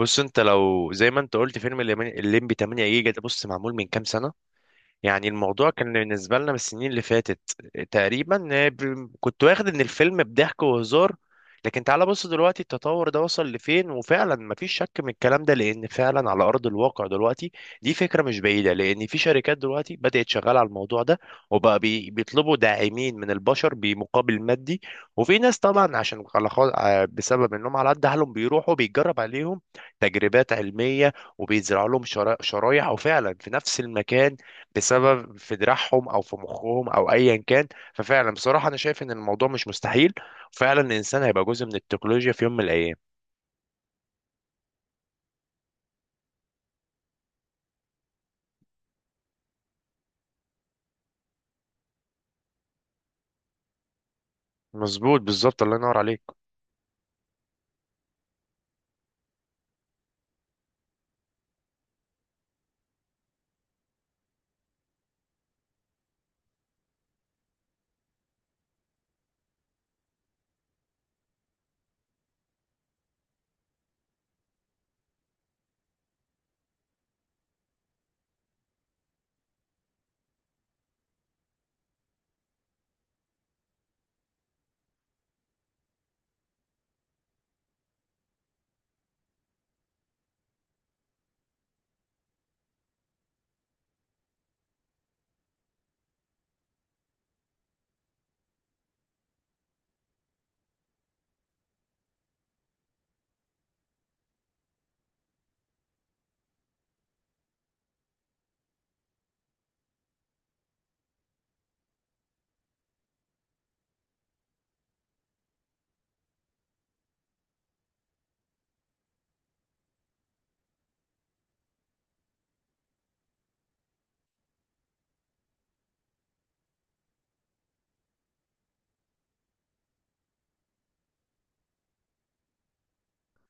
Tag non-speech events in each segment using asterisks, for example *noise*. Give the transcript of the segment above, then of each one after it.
بص، انت لو زي ما انت قلت فيلم الليمبي 8 جيجا، ده بص معمول من كام سنة؟ يعني الموضوع كان بالنسبة لنا من السنين اللي فاتت تقريبا. كنت واخد ان الفيلم بضحك وهزار، لكن تعال بص دلوقتي التطور ده وصل لفين. وفعلا مفيش شك من الكلام ده، لان فعلا على ارض الواقع دلوقتي دي فكرة مش بعيدة، لان في شركات دلوقتي بدأت شغالة على الموضوع ده، وبقى بيطلبوا داعمين من البشر بمقابل مادي. وفي ناس طبعا، عشان على خا- آه، بسبب انهم على قد حالهم بيروحوا بيتجرب عليهم تجربات علمية، وبيزرعوا لهم شرايح، وفعلا في نفس المكان، بسبب في دراعهم او في مخهم او ايا كان. ففعلا بصراحه انا شايف ان الموضوع مش مستحيل، وفعلا الانسان هيبقى جزء من التكنولوجيا في يوم من الايام. مظبوط، بالظبط، الله ينور عليك.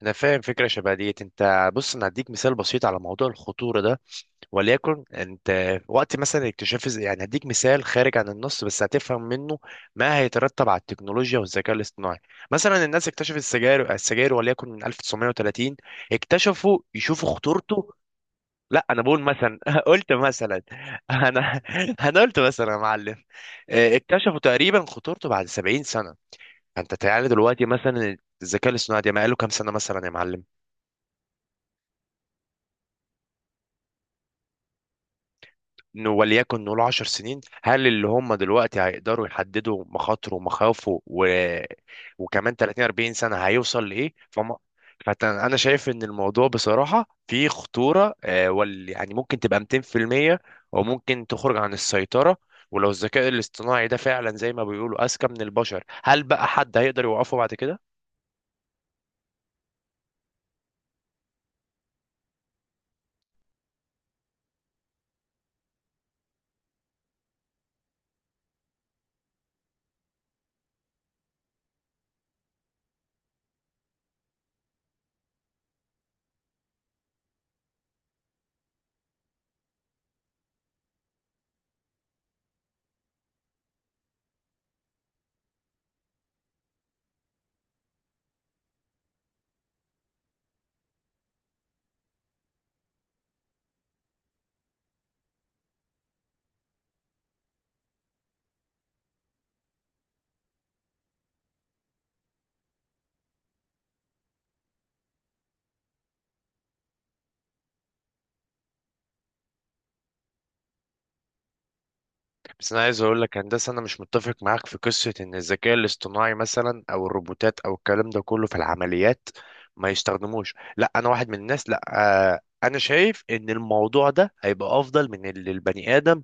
انا فاهم فكره شبه ديت. انت بص، انا هديك مثال بسيط على موضوع الخطوره ده، وليكن انت وقت مثلا اكتشاف يعني هديك مثال خارج عن النص، بس هتفهم منه ما هيترتب على التكنولوجيا والذكاء الاصطناعي. مثلا الناس اكتشفت السجاير، السجاير وليكن من 1930 اكتشفوا يشوفوا خطورته. لا، انا بقول مثلا *laughs* قلت مثلا. انا *laughs* انا قلت مثلا يا معلم. اكتشفوا تقريبا خطورته بعد 70 سنه. فانت تعالى دلوقتي مثلا الذكاء الاصطناعي ده ما قاله كام سنه مثلا يا معلم؟ إنه وليكن نقول 10 سنين، هل اللي هم دلوقتي هيقدروا يحددوا مخاطره ومخاوفه وكمان 30 40 سنة هيوصل لإيه؟ فأنا شايف إن الموضوع بصراحة فيه خطورة، يعني ممكن تبقى 200%، وممكن تخرج عن السيطرة. ولو الذكاء الاصطناعي ده فعلا زي ما بيقولوا أذكى من البشر، هل بقى حد هيقدر يوقفه بعد كده؟ بس انا عايز اقول لك، هندسه، انا مش متفق معاك في قصه ان الذكاء الاصطناعي مثلا او الروبوتات او الكلام ده كله في العمليات ما يستخدموش. لا، انا واحد من الناس، لا. آه، انا شايف ان الموضوع ده هيبقى افضل من اللي البني ادم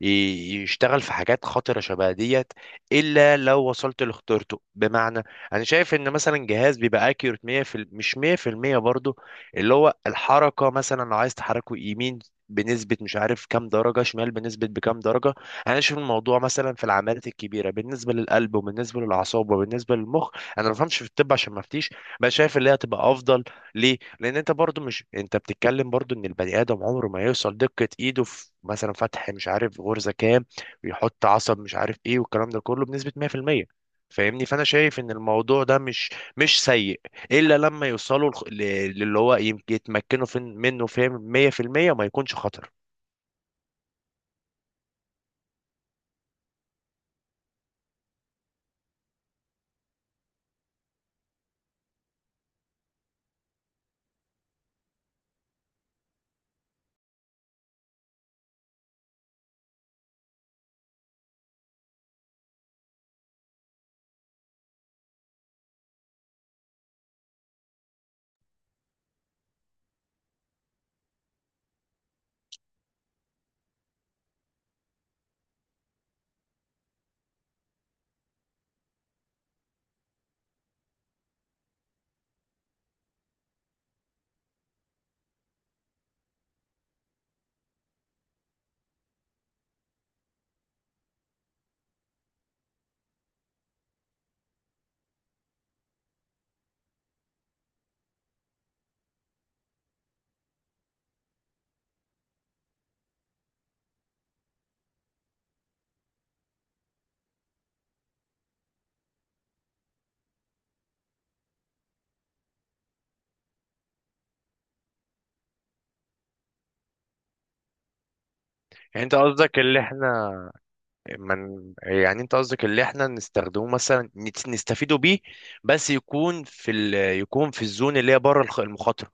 يشتغل في حاجات خطرة شبه ديت، إلا لو وصلت لاختيارته. بمعنى، أنا شايف إن مثلا جهاز بيبقى أكيوريت 100 مش 100% برضه، اللي هو الحركة مثلا لو عايز تحركه يمين بنسبة مش عارف كام درجة، شمال بنسبة بكام درجة. أنا شايف الموضوع مثلا في العمليات الكبيرة بالنسبة للقلب وبالنسبة للأعصاب وبالنسبة للمخ. أنا ما بفهمش في الطب عشان ما أفتيش، بس شايف اللي هي هتبقى أفضل. ليه؟ لأن أنت برضو مش أنت بتتكلم برضو إن البني آدم عمره ما يوصل دقة إيده في مثلا فتح مش عارف غرزة كام، ويحط عصب مش عارف إيه والكلام ده كله بنسبة 100%. فاهمني؟ فأنا شايف إن الموضوع ده مش سيء، إلا لما يوصلوا للي هو يمكن يتمكنوا منه، فاهم 100%، وما يكونش خطر. يعني انت قصدك اللي احنا من يعني انت قصدك اللي احنا نستخدمه مثلا، نستفيدوا بيه، بس يكون في الزون اللي هي بره المخاطره.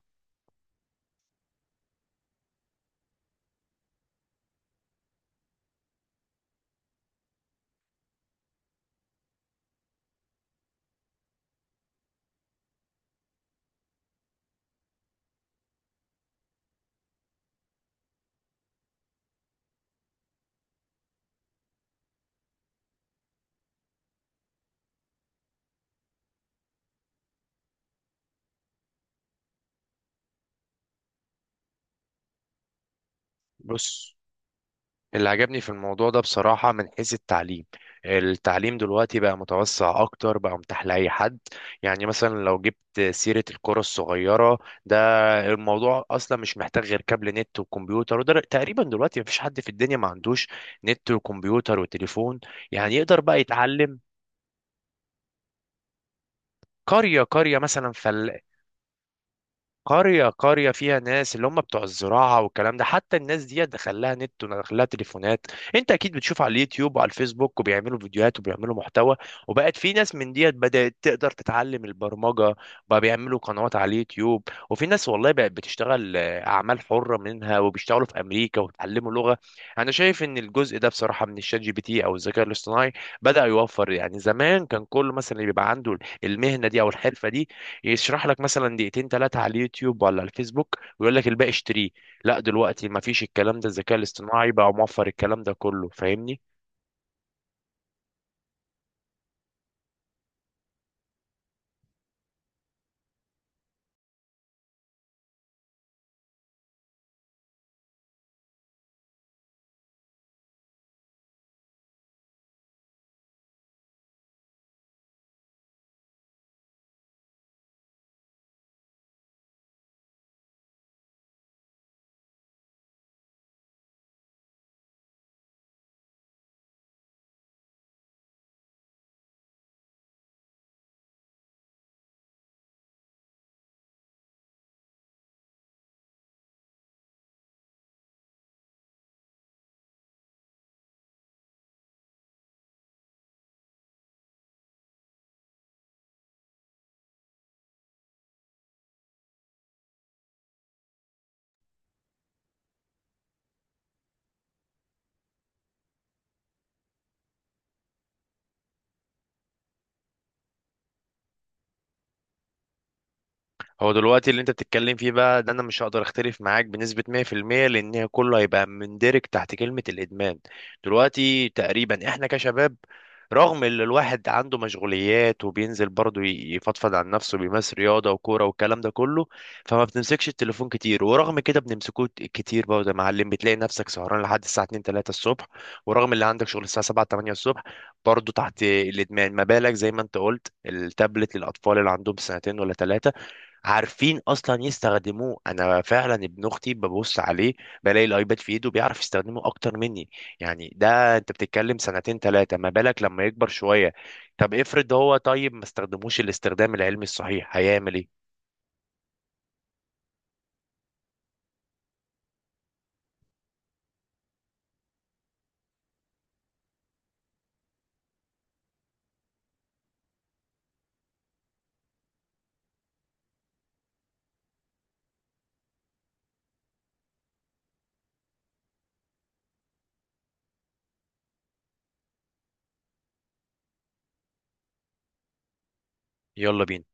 بص، اللي عجبني في الموضوع ده بصراحة من حيث التعليم. التعليم دلوقتي بقى متوسع أكتر، بقى متاح لأي حد. يعني مثلا لو جبت سيرة الكرة الصغيرة ده، الموضوع أصلا مش محتاج غير كابل نت وكمبيوتر، وده تقريبا دلوقتي مفيش حد في الدنيا ما عندوش نت وكمبيوتر وتليفون، يعني يقدر بقى يتعلم. قرية قرية مثلا فلاح، قرية قرية فيها ناس اللي هم بتوع الزراعة والكلام ده، حتى الناس دي دخلها نت ودخلها تليفونات. انت اكيد بتشوف على اليوتيوب وعلى الفيسبوك، وبيعملوا فيديوهات وبيعملوا محتوى، وبقت في ناس من ديت بدأت تقدر تتعلم البرمجة، بقى بيعملوا قنوات على اليوتيوب. وفي ناس والله بقت بتشتغل أعمال حرة منها، وبيشتغلوا في أمريكا وبيتعلموا لغة. أنا شايف إن الجزء ده بصراحة من الشات جي بي تي أو الذكاء الاصطناعي بدأ يوفر. يعني زمان كان كل مثلا اللي بيبقى عنده المهنة دي أو الحرفة دي يشرح لك مثلا دقيقتين ثلاثه على اليوتيوب ولا على الفيسبوك ويقول لك الباقي اشتريه. لا، دلوقتي ما فيش الكلام ده، الذكاء الاصطناعي بقى موفر الكلام ده كله. فاهمني؟ هو دلوقتي اللي انت بتتكلم فيه بقى ده انا مش هقدر اختلف معاك بنسبة 100%، لان هي كله هيبقى مندرج تحت كلمة الادمان. دلوقتي تقريبا احنا كشباب، رغم ان الواحد عنده مشغوليات وبينزل برضه يفضفض عن نفسه، بيمارس رياضة وكورة والكلام ده كله، فما بنمسكش التليفون كتير، ورغم كده بنمسكوه كتير برضه يا معلم، بتلاقي نفسك سهران لحد الساعة 2 3 الصبح، ورغم اللي عندك شغل الساعة 7 8 الصبح، برضه تحت الادمان. ما بالك زي ما انت قلت التابلت للاطفال اللي عندهم سنتين ولا ثلاثة عارفين اصلا يستخدموه؟ انا فعلا ابن اختي ببص عليه بلاقي الايباد في ايده، بيعرف يستخدمه اكتر مني. يعني ده انت بتتكلم سنتين ثلاثه، ما بالك لما يكبر شويه؟ طب افرض هو طيب ما استخدموش الاستخدام العلمي الصحيح، هيعمل ايه؟ يلا بينا.